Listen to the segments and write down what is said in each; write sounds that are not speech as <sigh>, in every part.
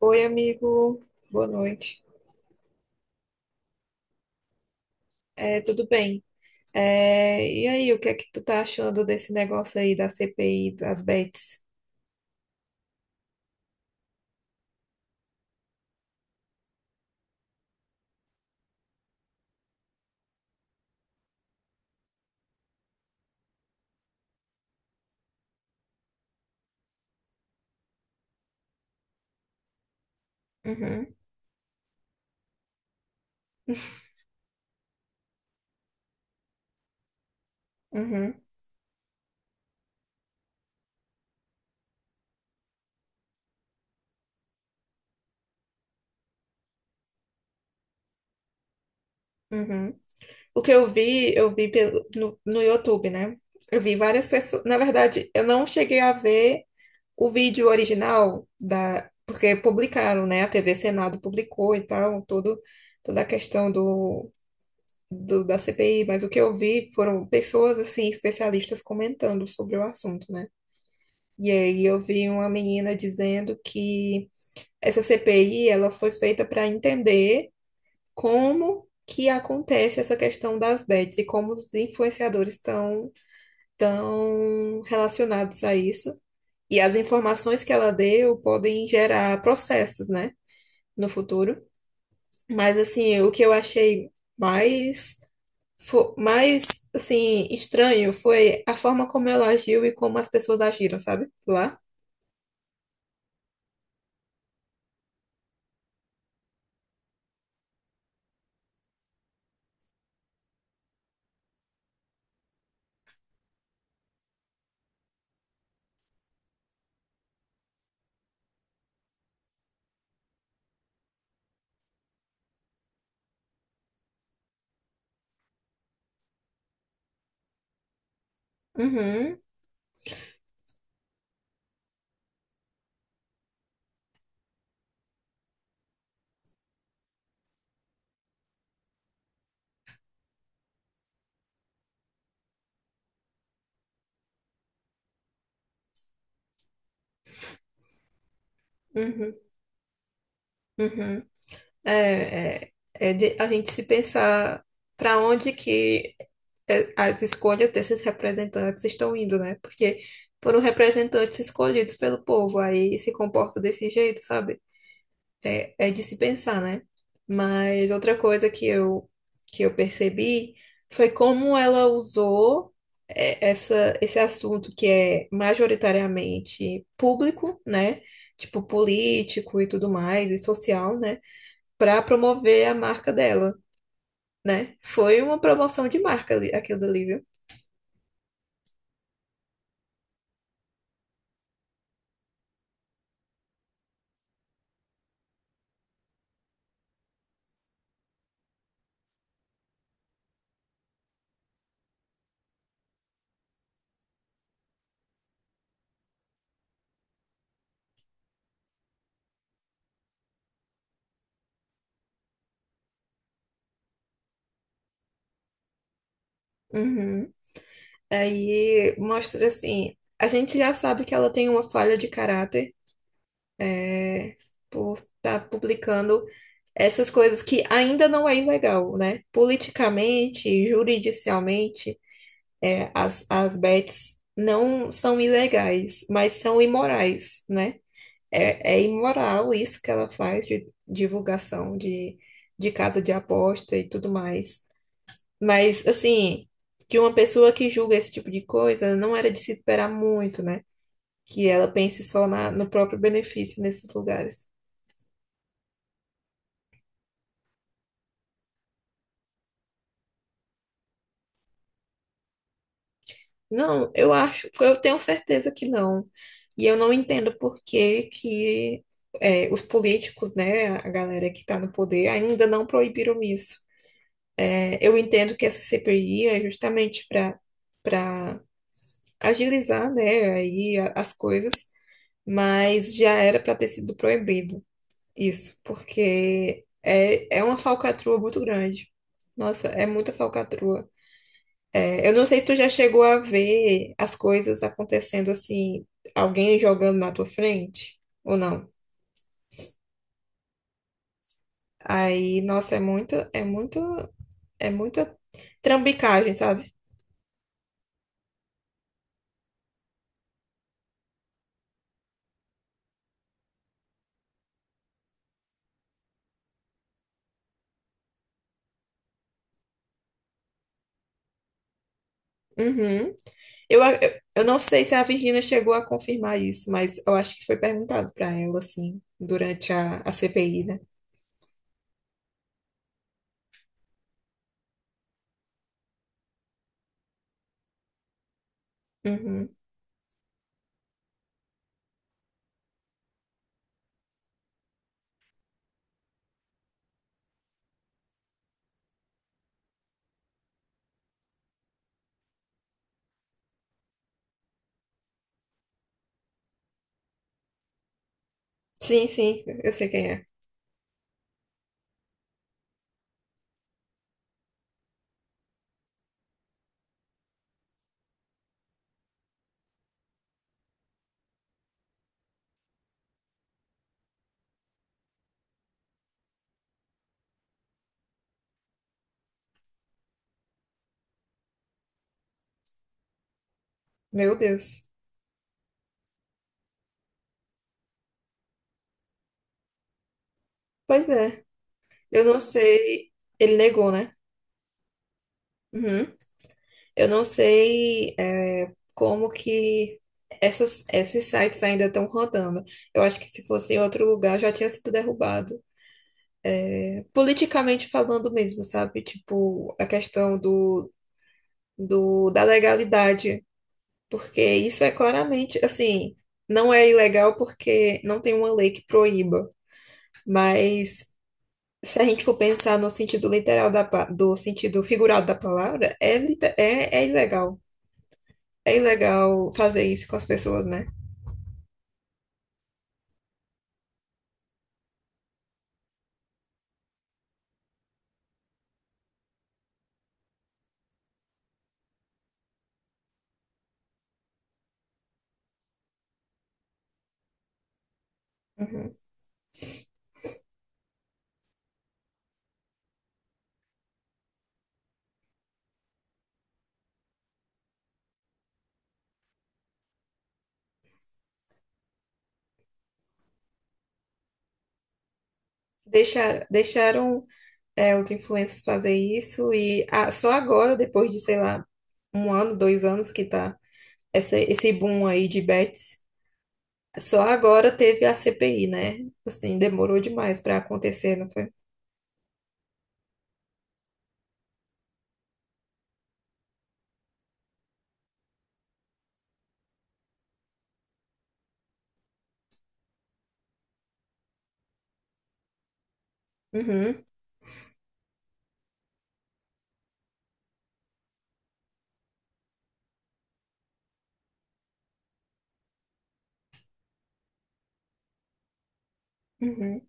Oi, amigo. Boa noite. Tudo bem? E aí, o que é que tu tá achando desse negócio aí da CPI das bets? Uhum. <laughs> Uhum. Uhum. O que eu vi pelo, no, no YouTube, né? Eu vi várias pessoas. Na verdade, eu não cheguei a ver o vídeo original da, porque publicaram, né? A TV Senado publicou e tal, toda a questão da CPI, mas o que eu vi foram pessoas assim, especialistas comentando sobre o assunto, né? E aí eu vi uma menina dizendo que essa CPI ela foi feita para entender como que acontece essa questão das bets e como os influenciadores estão tão relacionados a isso. E as informações que ela deu podem gerar processos, né, no futuro. Mas assim, o que eu achei mais mais assim estranho foi a forma como ela agiu e como as pessoas agiram, sabe? Lá. Uhum. Uhum. Uhum. É de a gente se pensar para onde que as escolhas desses representantes estão indo, né? Porque foram representantes escolhidos pelo povo, aí se comporta desse jeito, sabe? É de se pensar, né? Mas outra coisa que eu percebi foi como ela usou esse assunto que é majoritariamente público, né? Tipo político e tudo mais, e social, né? Para promover a marca dela, né? Foi uma promoção de marca aquilo dali, viu? Uhum. Aí mostra assim, a gente já sabe que ela tem uma falha de caráter, é, por estar publicando essas coisas que ainda não é ilegal, né? Politicamente, juridicialmente, as bets não são ilegais, mas são imorais, né? É imoral isso que ela faz de divulgação de casa de aposta e tudo mais. Mas, assim, de uma pessoa que julga esse tipo de coisa, não era de se esperar muito, né? Que ela pense só no próprio benefício nesses lugares. Não, eu acho, eu tenho certeza que não. E eu não entendo por que que os políticos, né, a galera que está no poder, ainda não proibiram isso. É, eu entendo que essa CPI é justamente para agilizar, né, as coisas, mas já era para ter sido proibido. Isso, porque é uma falcatrua muito grande. Nossa, é muita falcatrua. É, eu não sei se tu já chegou a ver as coisas acontecendo assim, alguém jogando na tua frente ou não. Aí, nossa, é muita trambicagem, sabe? Uhum. Eu, a- eu não sei se a Virgínia chegou a confirmar isso, mas eu acho que foi perguntado para ela, assim, durante a CPI, né? Uhum. Sim, sim, eu sei quem é. Meu Deus. Pois é. Eu não sei. Ele negou, né? Uhum. Eu não sei, como que esses sites ainda estão rodando. Eu acho que se fosse em outro lugar já tinha sido derrubado. Politicamente falando mesmo, sabe? Tipo, a questão da legalidade. Porque isso é claramente, assim, não é ilegal porque não tem uma lei que proíba. Mas se a gente for pensar no sentido literal do sentido figurado da palavra, é ilegal. É ilegal fazer isso com as pessoas, né? Uhum. Deixaram, deixaram os influencers fazer isso e ah, só agora, depois de, sei lá, um ano, dois anos que tá esse boom aí de bets. Só agora teve a CPI, né? Assim, demorou demais pra acontecer, não foi? Uhum. Uhum.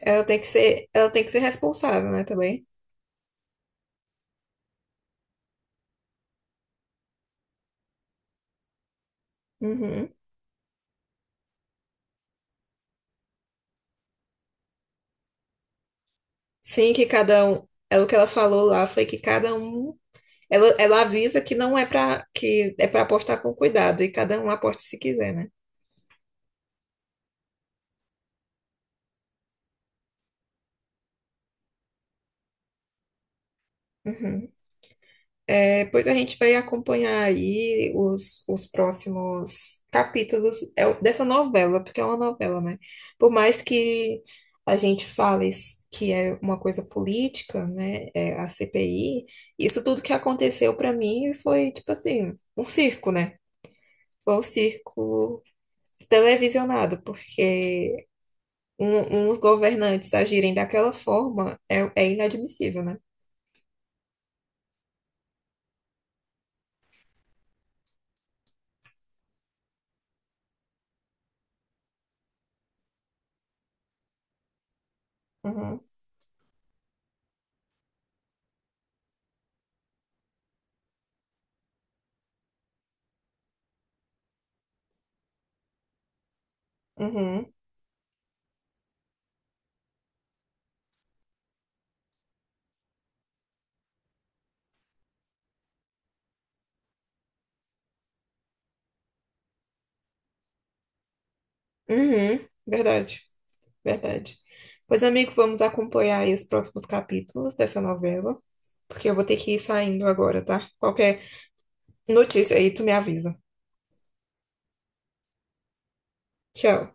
Ela tem que ser, ela tem que ser responsável, né, também. Uhum. Sim, que cada um, é o que ela falou lá foi que cada um, ela avisa que não é pra que é para apostar com cuidado e cada um aposta se quiser, né? Uhum. Depois a gente vai acompanhar aí os próximos capítulos dessa novela, porque é uma novela, né? Por mais que a gente que é uma coisa política, né? É a CPI, isso tudo que aconteceu pra mim foi, tipo assim, um circo, né? Foi um circo televisionado, porque uns governantes agirem daquela forma é inadmissível, né? Uhum. Uhum. Uhum. Verdade. Verdade. Pois, amigo, vamos acompanhar aí os próximos capítulos dessa novela, porque eu vou ter que ir saindo agora, tá? Qualquer notícia aí, tu me avisa. Tchau.